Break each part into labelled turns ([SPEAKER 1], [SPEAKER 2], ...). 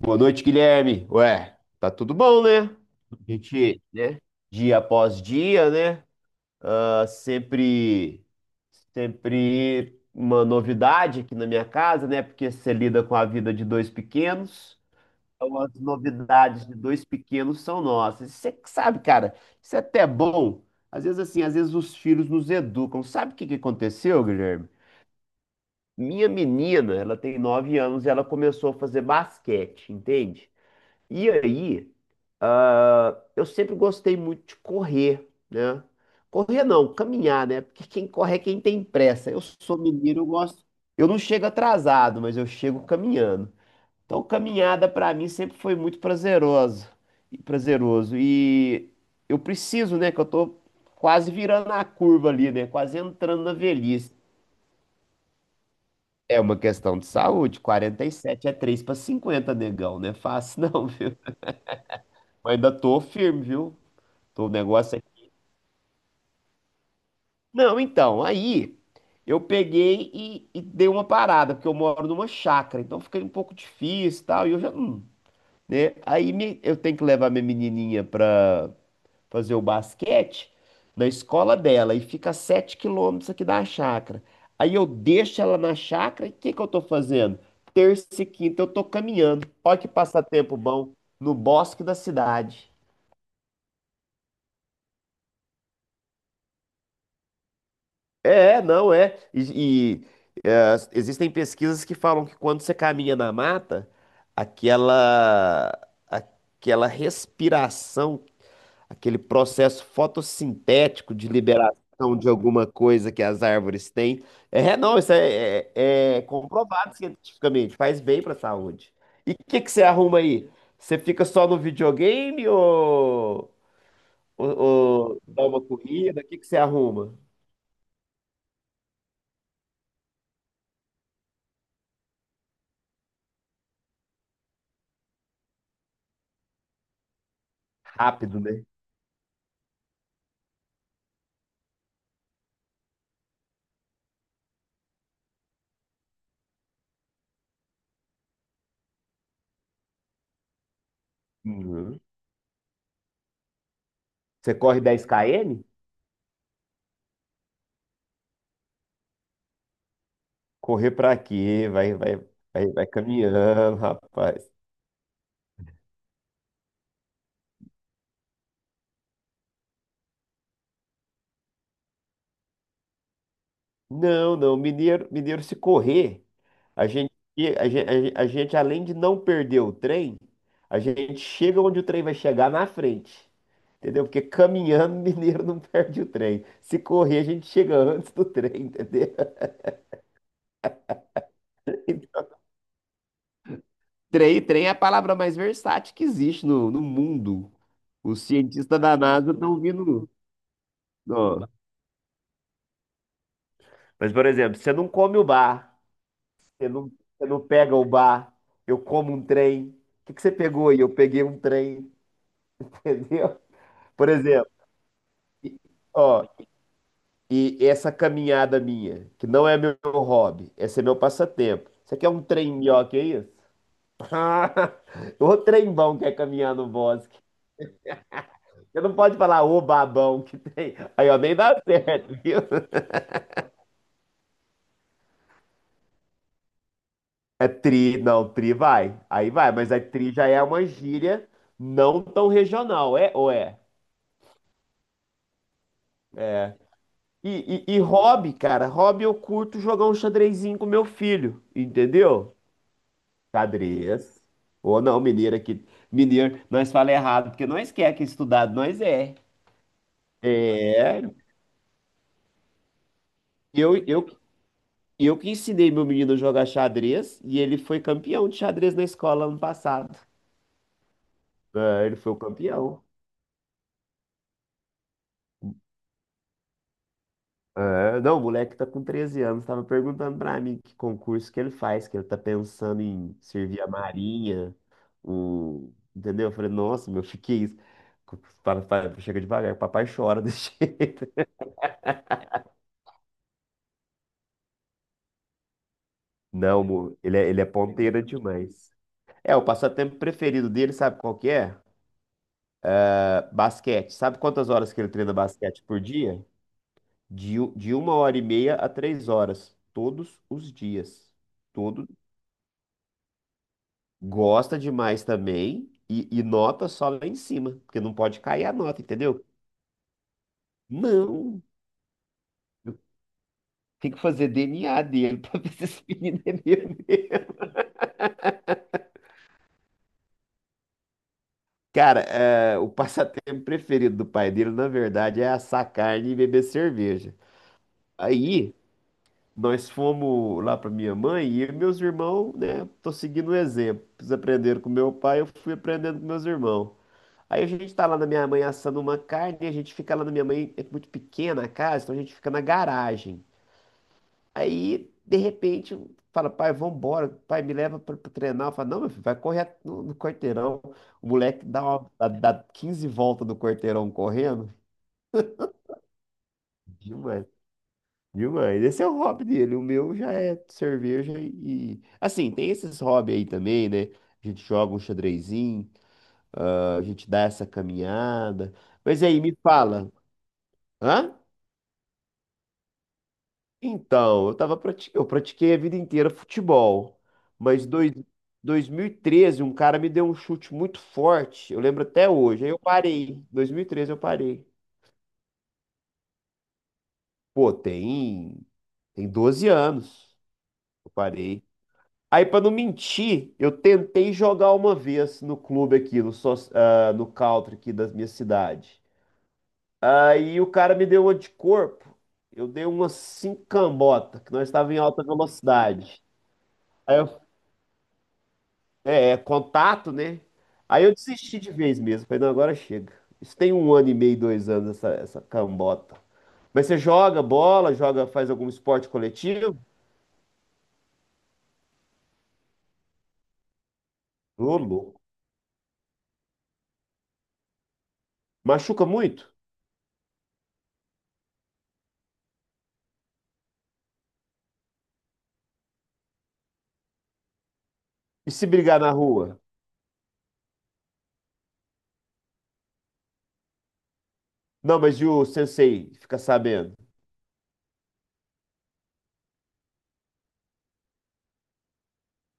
[SPEAKER 1] Boa noite, Guilherme. Ué, tá tudo bom, né? A gente, né? Dia após dia, né? Ah, sempre uma novidade aqui na minha casa, né? Porque você lida com a vida de dois pequenos. Então, as novidades de dois pequenos são nossas. Você que sabe, cara, isso é até bom. Às vezes, assim, às vezes os filhos nos educam. Sabe o que que aconteceu, Guilherme? Minha menina, ela tem 9 anos e ela começou a fazer basquete, entende? E aí, ah, eu sempre gostei muito de correr, né? Correr não, caminhar, né? Porque quem corre é quem tem pressa. Eu sou mineiro, eu gosto. Eu não chego atrasado, mas eu chego caminhando. Então, caminhada pra mim sempre foi muito prazeroso e prazeroso. E eu preciso, né? Que eu tô quase virando a curva ali, né? Quase entrando na velhice. É uma questão de saúde. 47 é 3 para 50, negão, não é fácil não, viu? Mas ainda tô firme, viu? O negócio é. Não, então, aí eu peguei e dei uma parada, porque eu moro numa chácara, então fica um pouco difícil e tal, e eu já. Né? Eu tenho que levar minha menininha pra fazer o basquete na escola dela, e fica a 7 quilômetros aqui da chácara. Aí eu deixo ela na chácara, e o que que eu tô fazendo? Terça e quinta eu tô caminhando. Olha que passatempo bom, no bosque da cidade. É, não é. E, existem pesquisas que falam que quando você caminha na mata, aquela, aquela respiração, aquele processo fotossintético de liberação de alguma coisa que as árvores têm, é, não, isso é comprovado cientificamente, faz bem para a saúde. E o que que você arruma aí? Você fica só no videogame ou, dá uma corrida? O que que você arruma? Rápido, né? Uhum. Você corre 10 km? Correr pra quê? Vai, vai, vai, vai caminhando, rapaz. Não, não, mineiro, mineiro se correr, a gente, a gente, além de não perder o trem, a gente chega onde o trem vai chegar na frente. Entendeu? Porque caminhando, mineiro não perde o trem. Se correr, a gente chega antes do trem, entendeu? Trem é a palavra mais versátil que existe no mundo. Os cientistas da NASA estão vindo. Ó. Mas, por exemplo, você não come o bar. Você não, você não pega o bar, eu como um trem. O que que você pegou aí? Eu peguei um trem, entendeu? Por exemplo, ó, e essa caminhada minha, que não é meu hobby, esse é meu passatempo. Você quer um trem melhor que isso? O trem bom que é caminhar no bosque. Você não pode falar o babão que tem. Aí, ó, nem dá certo, viu? É tri, não, tri vai. Aí vai, mas a tri já é uma gíria não tão regional, é ou é? É. E, hobby, cara, hobby eu curto jogar um xadrezinho com meu filho, entendeu? Xadrez. Ou não, mineiro aqui. Mineiro, nós fala errado, porque nós quer que estudado, nós é. É. Eu, eu, eu que ensinei meu menino a jogar xadrez e ele foi campeão de xadrez na escola ano passado. É, ele foi o campeão. É, não, o moleque tá com 13 anos, tava perguntando pra mim que concurso que ele faz, que ele tá pensando em servir a Marinha, entendeu? Eu falei, nossa, meu, fiquei isso. Para, para, chega devagar, papai chora desse jeito. Não, ele é, ponteira demais. É, o passatempo preferido dele, sabe qual que é? Ah, basquete. Sabe quantas horas que ele treina basquete por dia? De uma hora e meia a 3 horas, todos os dias. Gosta demais também e nota só lá em cima, porque não pode cair a nota, entendeu? Não, tem que fazer DNA dele pra ver se esse menino é meu mesmo. Cara, é, o passatempo preferido do pai dele, na verdade, é assar carne e beber cerveja. Aí, nós fomos lá pra minha mãe e eu e meus irmãos, né, tô seguindo o exemplo. Eles aprenderam com meu pai, eu fui aprendendo com meus irmãos. Aí a gente tá lá na minha mãe assando uma carne, e a gente fica lá na minha mãe, é muito pequena a casa, então a gente fica na garagem. Aí, de repente, fala, pai, vambora, pai, me leva pra, treinar. Eu falo, não, meu filho, vai correr no quarteirão. O moleque dá 15 voltas do quarteirão correndo. Demais, demais. Esse é o hobby dele, o meu já é cerveja e... Assim, tem esses hobbies aí também, né? A gente joga um xadrezinho, ah, a gente dá essa caminhada. Mas aí, me fala, hã? Então, eu pratiquei a vida inteira futebol, mas 2013 um cara me deu um chute muito forte, eu lembro até hoje. Aí eu parei. 2013 eu parei. Pô, tem 12 anos. Eu parei. Aí pra não mentir, eu tentei jogar uma vez no clube aqui, no country aqui da minha cidade. Aí o cara me deu uma de corpo. Eu dei uma cinco cambota que nós estávamos em alta velocidade. Aí eu É, contato, né? Aí eu desisti de vez mesmo. Falei, não, agora chega. Isso tem um ano e meio, dois anos, essa cambota. Mas você joga bola, joga, faz algum esporte coletivo? Ô, louco. Machuca muito? E se brigar na rua? Não, mas e o sensei fica sabendo?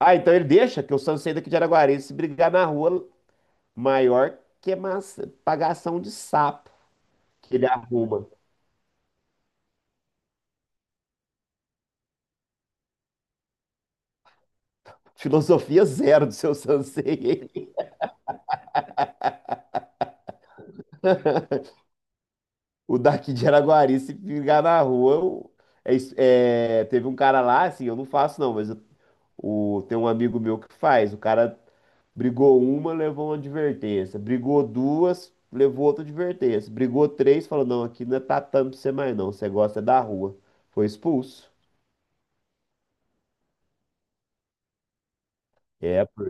[SPEAKER 1] Ah, então ele deixa que o sensei daqui de Araguari, se brigar na rua, maior que massa, pagação de sapo que ele arruma. Filosofia zero do seu sensei. O daqui de Araguari, se ligar na rua, teve um cara lá, assim, eu não faço não, mas tem um amigo meu que faz. O cara brigou uma, levou uma advertência. Brigou duas, levou outra advertência. Brigou três, falou, não, aqui não é tatame pra você mais não, você gosta é da rua. Foi expulso. É, pô.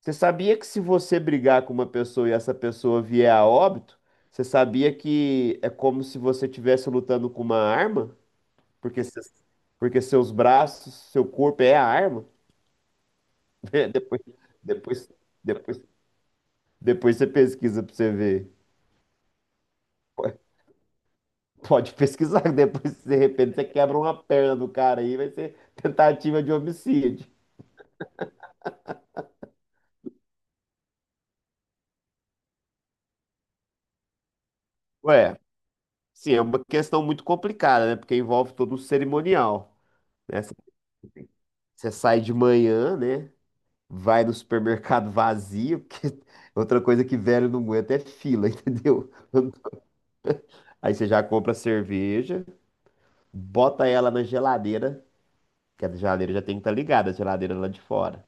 [SPEAKER 1] Você sabia que se você brigar com uma pessoa e essa pessoa vier a óbito, você sabia que é como se você estivesse lutando com uma arma? Porque, se- porque seus braços, seu corpo é a arma. Depois, depois, depois, Depois você pesquisa pra você ver. Po- Pode pesquisar, depois de repente você quebra uma perna do cara aí, vai ser tentativa de homicídio. Ué, sim, é uma questão muito complicada, né? Porque envolve todo o cerimonial, né? Você sai de manhã, né? Vai no supermercado vazio, porque outra coisa que velho não aguenta é fila, entendeu? Aí você já compra cerveja, bota ela na geladeira, que a geladeira já tem que estar ligada, a geladeira lá de fora,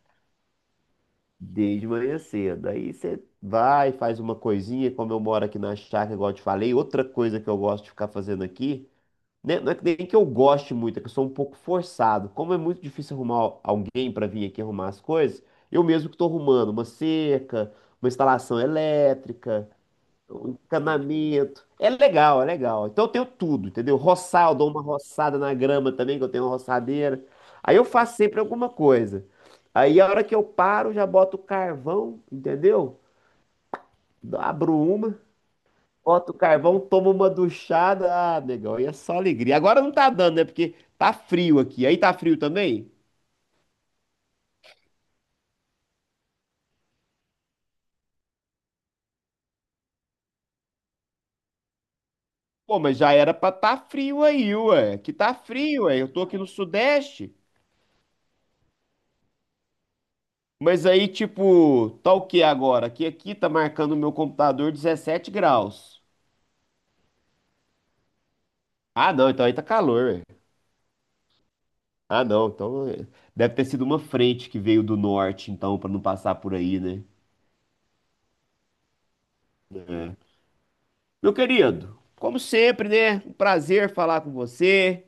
[SPEAKER 1] desde manhã cedo. Aí você vai, faz uma coisinha, como eu moro aqui na chácara, igual eu te falei, outra coisa que eu gosto de ficar fazendo aqui, né, não é que nem que eu goste muito, é que eu sou um pouco forçado. Como é muito difícil arrumar alguém para vir aqui arrumar as coisas, eu mesmo que estou arrumando uma cerca, uma instalação elétrica, o encanamento. É legal, é legal. Então eu tenho tudo, entendeu? Roçar, eu dou uma roçada na grama também, que eu tenho uma roçadeira. Aí eu faço sempre alguma coisa. Aí a hora que eu paro, já boto o carvão, entendeu? Abro uma, boto o carvão, tomo uma duchada. Ah, negão, aí é só alegria. Agora não tá dando, né? Porque tá frio aqui. Aí tá frio também? Pô, mas já era pra tá frio aí, ué. Que tá frio, ué. Eu tô aqui no Sudeste. Mas aí, tipo, tá o que agora? Que aqui tá marcando o meu computador 17 graus. Ah, não, então aí tá calor, velho. Ah, não, então é, deve ter sido uma frente que veio do norte, então, pra não passar por aí, né? É. Meu querido, como sempre, né? Um prazer falar com você.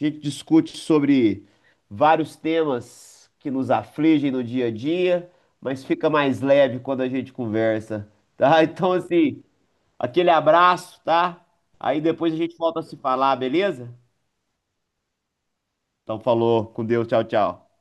[SPEAKER 1] A gente discute sobre vários temas que nos afligem no dia a dia, mas fica mais leve quando a gente conversa, tá? Então, assim, aquele abraço, tá? Aí depois a gente volta a se falar, beleza? Então falou, com Deus, tchau, tchau.